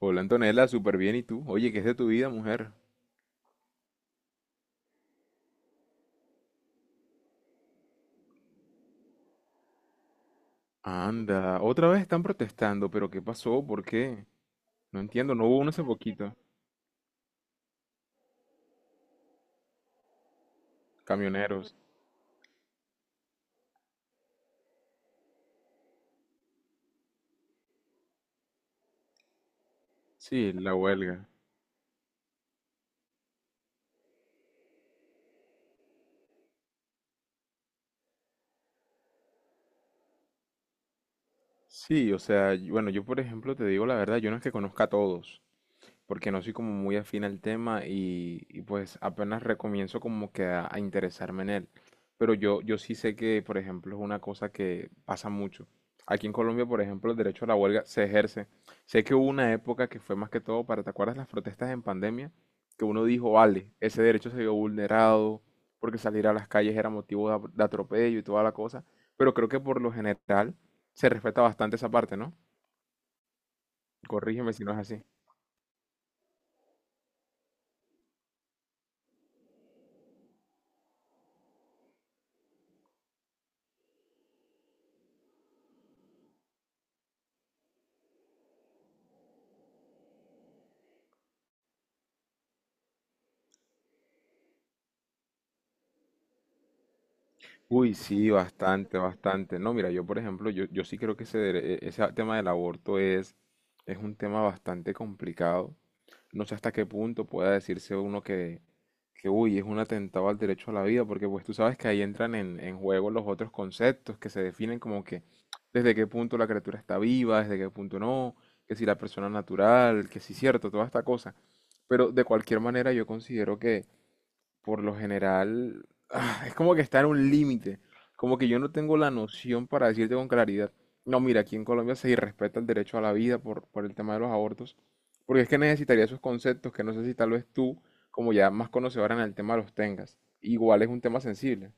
Hola Antonella, súper bien. ¿Y tú? Oye, ¿qué es de tu vida, mujer? Anda, otra vez están protestando, pero ¿qué pasó? ¿Por qué? No entiendo, no hubo uno hace poquito. Camioneros. Sí, la huelga. Sí, o sea, bueno, yo por ejemplo te digo la verdad, yo no es que conozca a todos. Porque no soy como muy afín al tema y pues apenas recomienzo como que a interesarme en él. Pero yo sí sé que, por ejemplo, es una cosa que pasa mucho. Aquí en Colombia, por ejemplo, el derecho a la huelga se ejerce. Sé que hubo una época que fue más que todo para, ¿te acuerdas las protestas en pandemia? Que uno dijo, vale, ese derecho se vio vulnerado porque salir a las calles era motivo de atropello y toda la cosa. Pero creo que por lo general se respeta bastante esa parte, ¿no? Corrígeme si no es así. Uy, sí, bastante, bastante. No, mira, yo por ejemplo, yo sí creo que ese tema del aborto es un tema bastante complicado. No sé hasta qué punto pueda decirse uno que, uy, es un atentado al derecho a la vida, porque pues tú sabes que ahí entran en juego los otros conceptos que se definen como que desde qué punto la criatura está viva, desde qué punto no, que si la persona es natural, que si cierto, toda esta cosa. Pero de cualquier manera yo considero por lo general, es como que está en un límite. Como que yo no tengo la noción para decirte con claridad. No, mira, aquí en Colombia se irrespeta el derecho a la vida por el tema de los abortos. Porque es que necesitaría esos conceptos que no sé si tal vez tú, como ya más conocedora en el tema, los tengas. Igual es un tema sensible.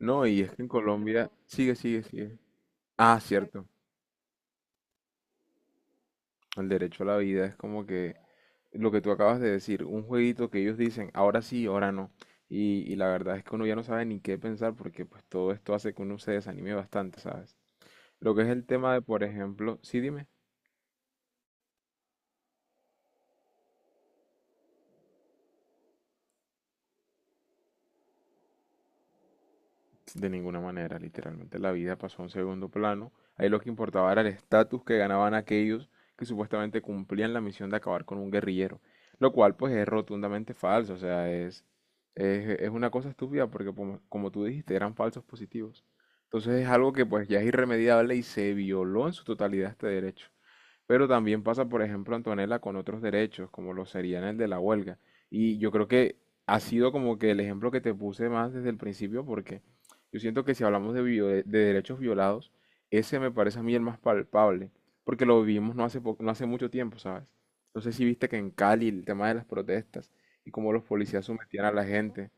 No, y es que en Colombia... Sigue, sigue, sigue. Ah, cierto. El derecho a la vida es como que lo que tú acabas de decir, un jueguito que ellos dicen, ahora sí, ahora no. Y la verdad es que uno ya no sabe ni qué pensar porque pues todo esto hace que uno se desanime bastante, ¿sabes? Lo que es el tema de, por ejemplo, sí, dime. De ninguna manera, literalmente la vida pasó a un segundo plano. Ahí lo que importaba era el estatus que ganaban aquellos que supuestamente cumplían la misión de acabar con un guerrillero, lo cual pues es rotundamente falso, o sea, es una cosa estúpida porque como, como tú dijiste, eran falsos positivos. Entonces es algo que pues ya es irremediable y se violó en su totalidad este derecho. Pero también pasa, por ejemplo, Antonella, con otros derechos, como lo serían el de la huelga. Y yo creo que ha sido como que el ejemplo que te puse más desde el principio, porque yo siento que si hablamos de, de derechos violados, ese me parece a mí el más palpable, porque lo vivimos no hace mucho tiempo, ¿sabes? No sé si viste que en Cali el tema de las protestas y cómo los policías sometían a la gente.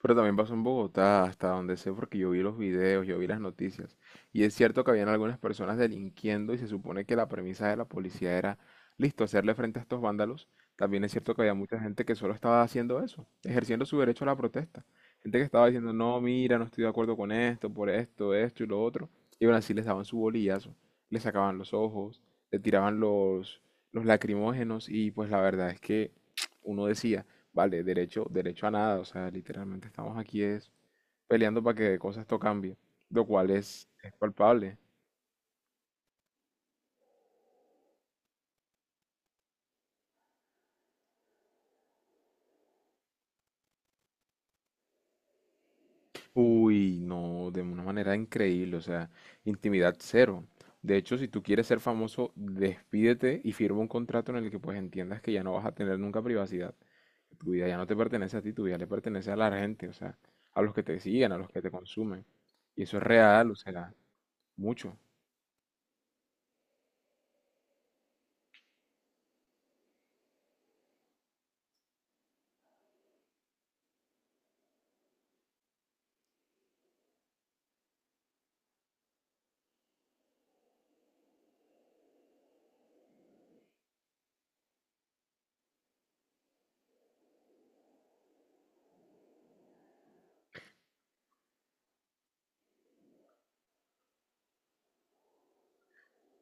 Pero también pasó en Bogotá, hasta donde sé, porque yo vi los videos, yo vi las noticias. Y es cierto que habían algunas personas delinquiendo y se supone que la premisa de la policía era, listo, hacerle frente a estos vándalos. También es cierto que había mucha gente que solo estaba haciendo eso, ejerciendo su derecho a la protesta. Gente que estaba diciendo, no, mira, no estoy de acuerdo con esto, por esto, esto y lo otro. Y aún así les daban su bolillazo, les sacaban los ojos, le tiraban los lacrimógenos y pues la verdad es que uno decía... Vale, derecho, derecho a nada, o sea, literalmente estamos aquí es peleando para que cosas esto cambie, lo cual es palpable. Uy, no, de una manera increíble, o sea, intimidad cero. De hecho, si tú quieres ser famoso, despídete y firma un contrato en el que pues entiendas que ya no vas a tener nunca privacidad. Tu vida ya no te pertenece a ti, tu vida le pertenece a la gente, o sea, a los que te siguen, a los que te consumen. Y eso es real, o sea, mucho.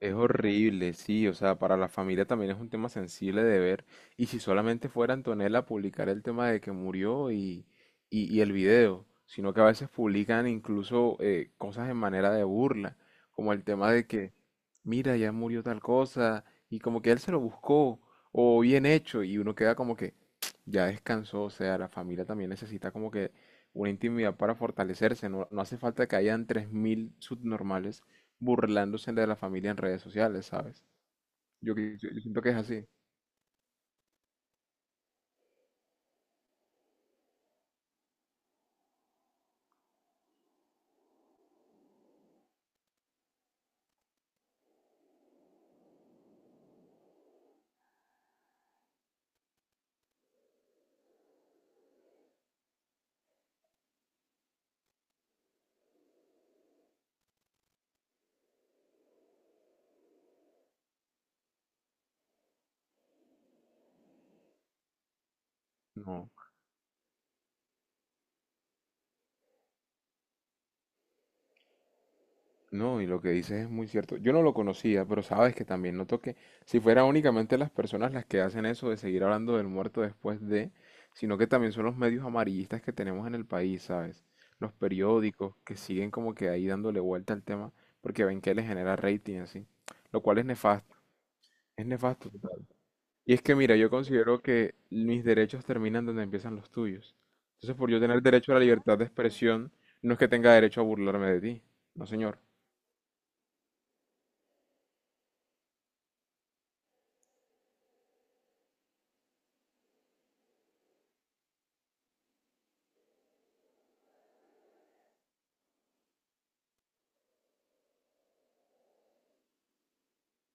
Es horrible, sí, o sea, para la familia también es un tema sensible de ver. Y si solamente fuera Antonella a publicar el tema de que murió y el video, sino que a veces publican incluso cosas en manera de burla, como el tema de que, mira, ya murió tal cosa, y como que él se lo buscó, o bien hecho, y uno queda como que ya descansó, o sea, la familia también necesita como que una intimidad para fortalecerse, no hace falta que hayan 3000 subnormales burlándose de la familia en redes sociales, ¿sabes? Yo siento que es así. No, no, y lo que dices es muy cierto. Yo no lo conocía, pero sabes que también noto que si fuera únicamente las personas las que hacen eso de seguir hablando del muerto después de, sino que también son los medios amarillistas que tenemos en el país, ¿sabes? Los periódicos que siguen como que ahí dándole vuelta al tema porque ven que les genera rating y así, lo cual es nefasto, es nefasto. Y es que mira, yo considero que mis derechos terminan donde empiezan los tuyos. Entonces, por yo tener derecho a la libertad de expresión, no es que tenga derecho a burlarme de ti. No, señor.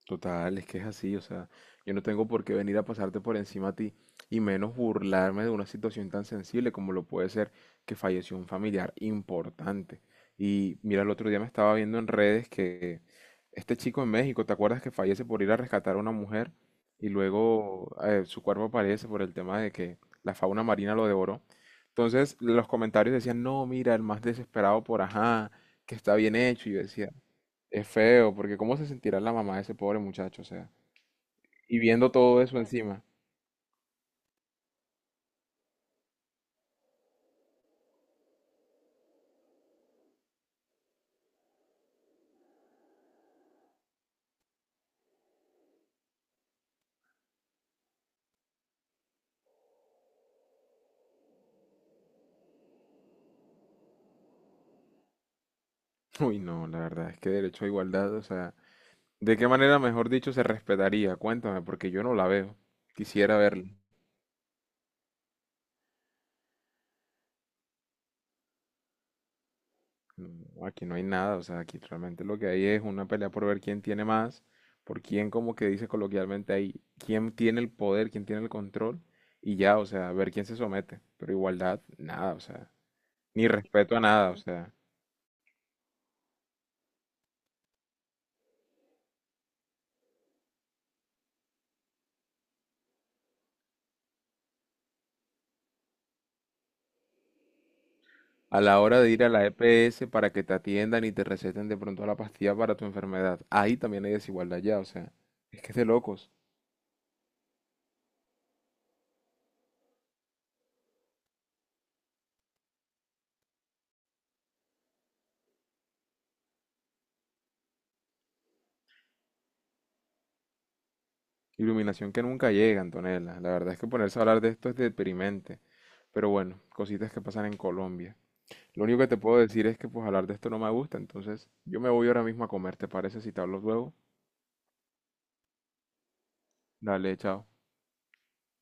Total, es que es así, o sea, yo no tengo por qué venir a pasarte por encima a ti y menos burlarme de una situación tan sensible como lo puede ser que falleció un familiar importante. Y mira, el otro día me estaba viendo en redes que este chico en México, ¿te acuerdas que fallece por ir a rescatar a una mujer y luego su cuerpo aparece por el tema de que la fauna marina lo devoró? Entonces los comentarios decían, no, mira, el más desesperado por ajá, que está bien hecho. Y yo decía, es feo, porque ¿cómo se sentirá la mamá de ese pobre muchacho? O sea, y viendo todo eso encima. Uy, no, la verdad es que derecho a igualdad, o sea, ¿de qué manera, mejor dicho, se respetaría? Cuéntame, porque yo no la veo. Quisiera verla. No, aquí no hay nada, o sea, aquí realmente lo que hay es una pelea por ver quién tiene más, por quién, como que dice coloquialmente ahí, quién tiene el poder, quién tiene el control, y ya, o sea, ver quién se somete. Pero igualdad, nada, o sea, ni respeto a nada, o sea. A la hora de ir a la EPS para que te atiendan y te receten de pronto la pastilla para tu enfermedad. Ahí también hay desigualdad ya, o sea, es que es de locos. Iluminación que nunca llega, Antonella. La verdad es que ponerse a hablar de esto es deprimente. Pero bueno, cositas que pasan en Colombia. Lo único que te puedo decir es que pues hablar de esto no me gusta, entonces yo me voy ahora mismo a comer, ¿te parece si te hablo luego? Dale, chao.